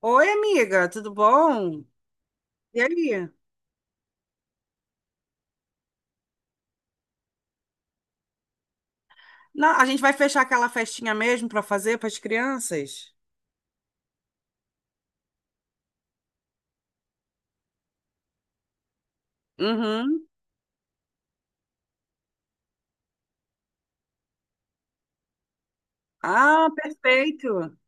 Oi, amiga, tudo bom? E aí? A gente vai fechar aquela festinha mesmo para fazer para as crianças? Uhum. Ah, perfeito.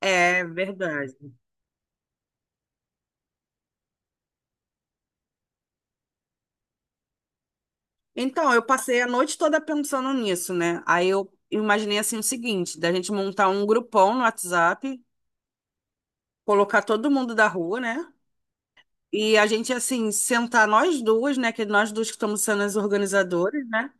É verdade. Então, eu passei a noite toda pensando nisso, né? Aí eu imaginei assim o seguinte, da gente montar um grupão no WhatsApp, colocar todo mundo da rua, né? E a gente, assim, sentar nós duas, né? Que nós duas que estamos sendo as organizadoras, né?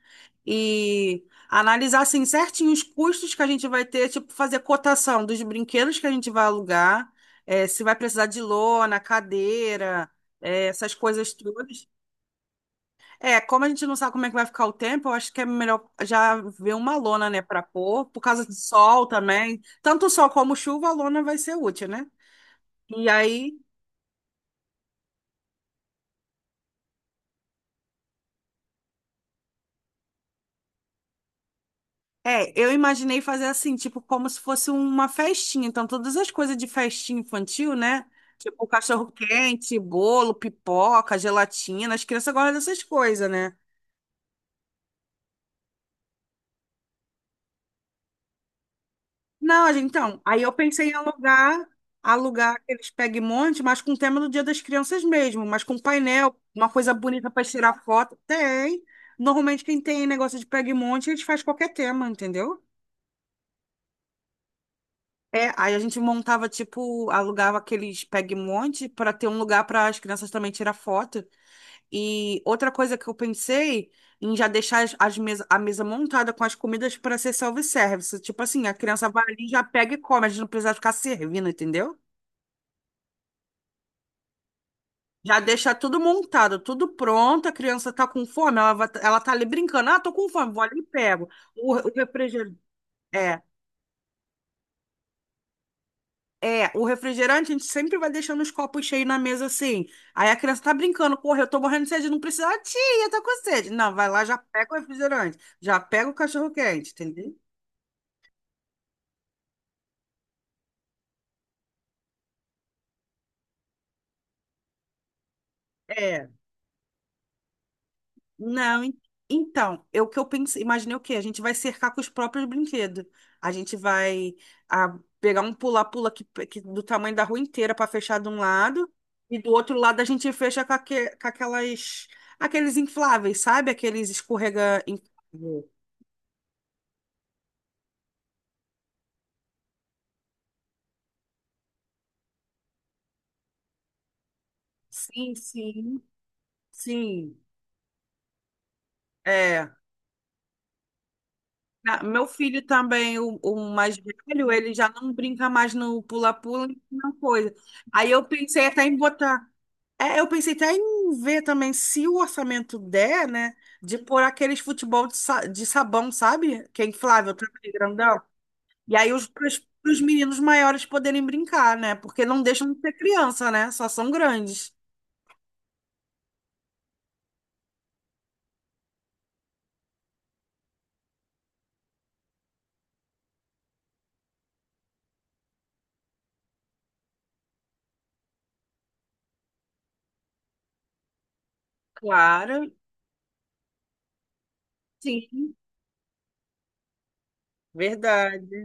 E analisar, assim, certinho os custos que a gente vai ter, tipo, fazer cotação dos brinquedos que a gente vai alugar, se vai precisar de lona, cadeira, essas coisas todas. É, como a gente não sabe como é que vai ficar o tempo, eu acho que é melhor já ver uma lona, né, para pôr, por causa do sol também. Tanto sol como chuva, a lona vai ser útil, né? E aí. É, eu imaginei fazer assim, tipo, como se fosse uma festinha. Então, todas as coisas de festinha infantil, né? Tipo, cachorro-quente, bolo, pipoca, gelatina. As crianças gostam dessas coisas, né? Não, então, aí eu pensei em alugar, alugar aqueles pegue-monte, mas com o tema do Dia das Crianças mesmo, mas com painel, uma coisa bonita para tirar foto. Tem. Normalmente, quem tem negócio de pegue-monte, a gente faz qualquer tema, entendeu? É, aí a gente montava, tipo, alugava aqueles peg-monte para ter um lugar para as crianças também tirar foto. E outra coisa que eu pensei em já deixar a mesa montada com as comidas para ser self-service. Tipo assim, a criança vai ali, já pega e come, a gente não precisa ficar servindo, entendeu? Já deixar tudo montado, tudo pronto, a criança tá com fome, ela tá ali brincando, ah, tô com fome, vou ali e pego. O refrigerante. É, o refrigerante a gente sempre vai deixando os copos cheios na mesa assim. Aí a criança tá brincando, porra, eu tô morrendo de sede, não precisa, ah, tia, eu tô com sede. Não, vai lá, já pega o refrigerante, já pega o cachorro-quente, entendeu? É, não, então, eu pensei, imaginei o quê? A gente vai cercar com os próprios brinquedos. A gente vai ah, pegar um pula-pula que do tamanho da rua inteira para fechar de um lado e do outro lado a gente fecha com, com aquelas aqueles infláveis, sabe? Aqueles escorrega. Sim, sim, sim. É. Ah, meu filho também, o mais velho, ele já não brinca mais no pula-pula, não coisa. Aí eu pensei até em botar. É, eu pensei até em ver também se o orçamento der, né? De pôr aqueles futebol de, de sabão, sabe? Que é inflável, também, grandão. E aí os pros meninos maiores poderem brincar, né? Porque não deixam de ser criança, né? Só são grandes. Claro, sim, verdade.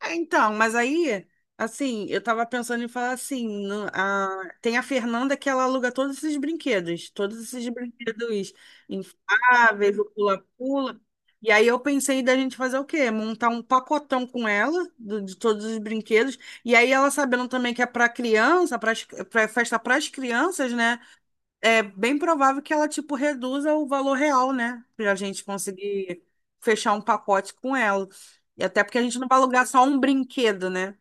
É, então, mas aí, assim, eu tava pensando em falar assim, tem a Fernanda que ela aluga todos esses brinquedos infláveis, o pula-pula. E aí eu pensei da gente fazer o quê? Montar um pacotão com ela, de todos os brinquedos. E aí ela sabendo também que é para criança, para festa para as crianças, né? É bem provável que ela, tipo, reduza o valor real, né? Pra gente conseguir fechar um pacote com ela. E até porque a gente não vai alugar só um brinquedo, né?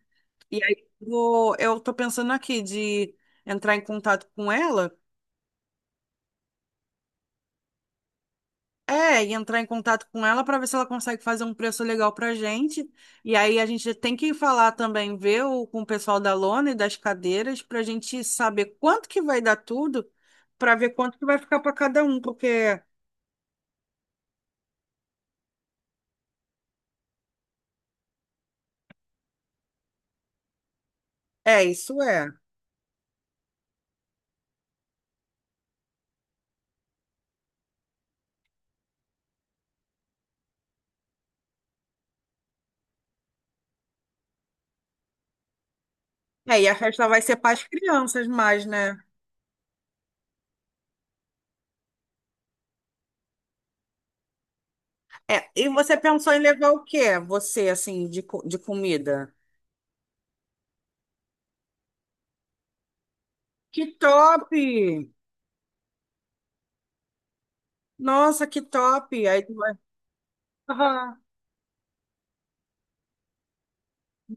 E aí eu tô pensando aqui de entrar em contato com ela. É, e entrar em contato com ela para ver se ela consegue fazer um preço legal pra gente. E aí a gente tem que falar também, ver o, com o pessoal da lona e das cadeiras, pra gente saber quanto que vai dar tudo, pra ver quanto que vai ficar pra cada um, porque é, isso é. É, e a festa vai ser para as crianças mais, né? É, e você pensou em levar o quê? Você, assim, de comida? Que top! Nossa, que top! Aí tu vai... Aham.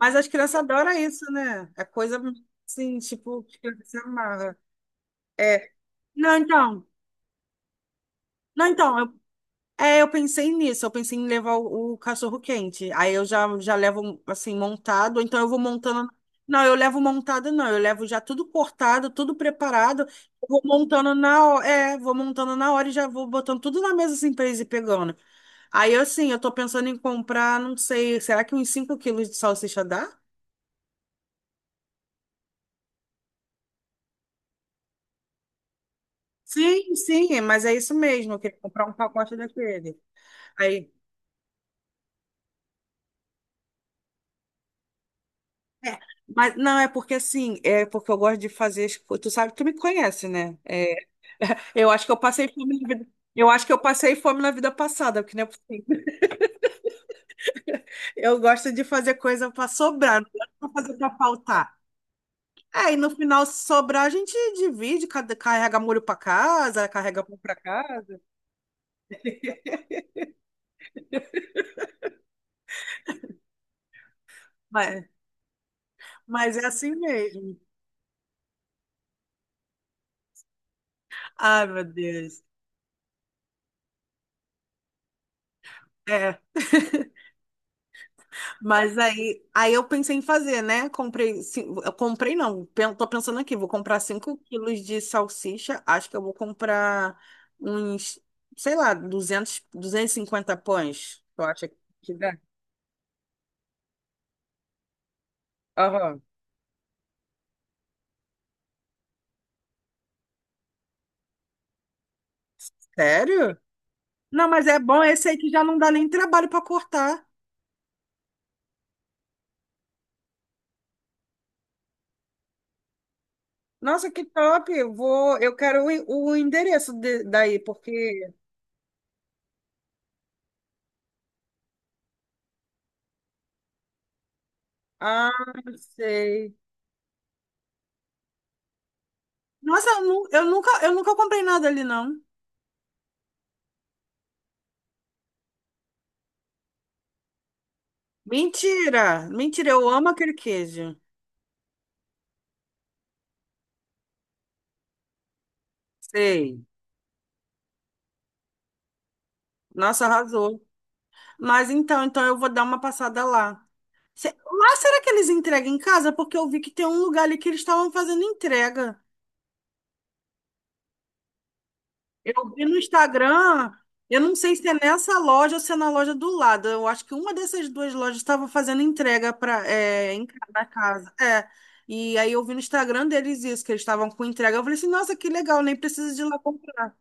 Mas as crianças adoram isso, né? É coisa assim, tipo, que se amarra. É. Não, então. Não, então, é, eu pensei nisso, eu pensei em levar o cachorro quente. Aí eu já levo assim montado, então eu vou montando. Não, eu levo montado, não, eu levo já tudo cortado, tudo preparado. Eu vou montando na hora, é, vou montando na hora e já vou botando tudo na mesa assim pra eles ir pegando. Aí assim, eu tô pensando em comprar, não sei, será que uns 5 kg de salsicha dá? Sim, sim, mas é isso mesmo, eu queria comprar um pacote daquele. Aí, é, mas não, é porque assim, é porque eu gosto de fazer, tu sabe, tu me conhece, né? Eu acho que eu passei fome na vida. Eu acho que eu passei fome na vida passada, porque não é possível. Eu gosto de fazer coisa para sobrar, não gosto de fazer para faltar. É, e no final, se sobrar, a gente divide, carrega molho para casa, carrega pão para casa. Mas, mas é assim mesmo. Ai, meu Deus. É. Mas aí eu pensei em fazer, né? Comprei, cin- eu comprei não, pen- tô pensando aqui, vou comprar 5 kg de salsicha, acho que eu vou comprar uns, sei lá, 200 250 pães, eu acho que dá. Aham. Sério? Não, mas é bom esse aí que já não dá nem trabalho para cortar. Nossa, que top! Eu vou, eu quero o, o endereço daí, porque... Ah, sei. Nossa, eu, eu nunca comprei nada ali, não. Mentira! Mentira, eu amo aquele queijo. Sei. Nossa, arrasou. Mas então, então eu vou dar uma passada lá. Lá será que eles entregam em casa? Porque eu vi que tem um lugar ali que eles estavam fazendo entrega. Eu vi no Instagram, eu não sei se é nessa loja ou se é na loja do lado. Eu acho que uma dessas duas lojas estava fazendo entrega para é, em cada casa. É. E aí eu vi no Instagram deles isso, que eles estavam com entrega. Eu falei assim, nossa, que legal, nem precisa de ir lá comprar.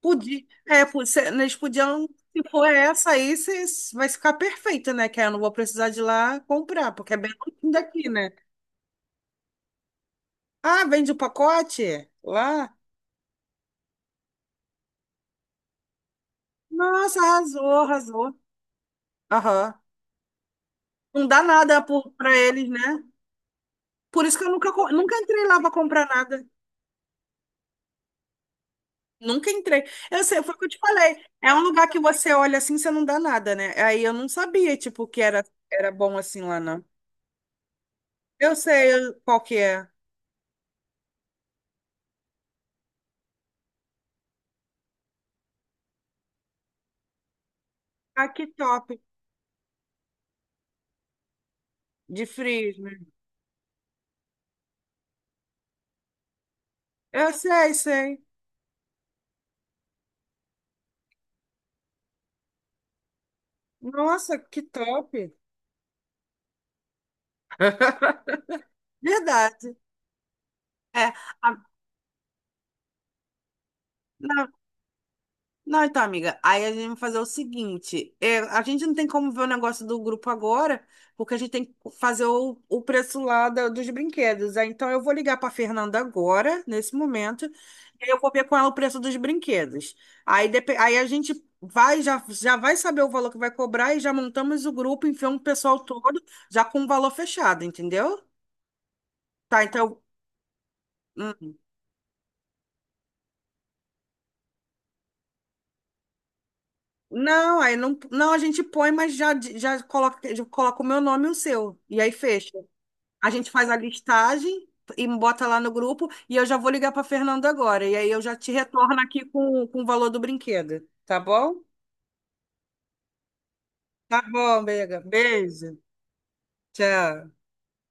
Podia, eles podiam, se for essa aí, vai ficar perfeita, né? Que aí eu não vou precisar de ir lá comprar, porque é bem longe daqui, né? Ah, vende o pacote lá? Nossa, arrasou, arrasou. Aham. Não dá nada por, pra eles, né? Por isso que eu nunca entrei lá pra comprar nada. Nunca entrei. Eu sei, foi o que eu te falei. É um lugar que você olha assim, você não dá nada, né? Aí eu não sabia, tipo, que era, era bom assim lá, não. Eu sei qual que é. Ah, que top. De frio. Eu sei, sei. Nossa, que top. Verdade. É, a- não, não, então, amiga, aí a gente vai fazer o seguinte: é, a gente não tem como ver o negócio do grupo agora, porque a gente tem que fazer o preço lá dos brinquedos. Aí, então, eu vou ligar para Fernanda agora, nesse momento, e eu vou ver com ela o preço dos brinquedos. Aí, aí a gente vai, já vai saber o valor que vai cobrar e já montamos o grupo, enfiamos o pessoal todo, já com o valor fechado, entendeu? Tá, então. Não, aí não, não, a gente põe, mas já coloca o meu nome e o seu. E aí fecha. A gente faz a listagem e bota lá no grupo. E eu já vou ligar para Fernanda agora. E aí eu já te retorno aqui com o valor do brinquedo. Tá bom? Tá bom, Bega. Beijo. Tchau.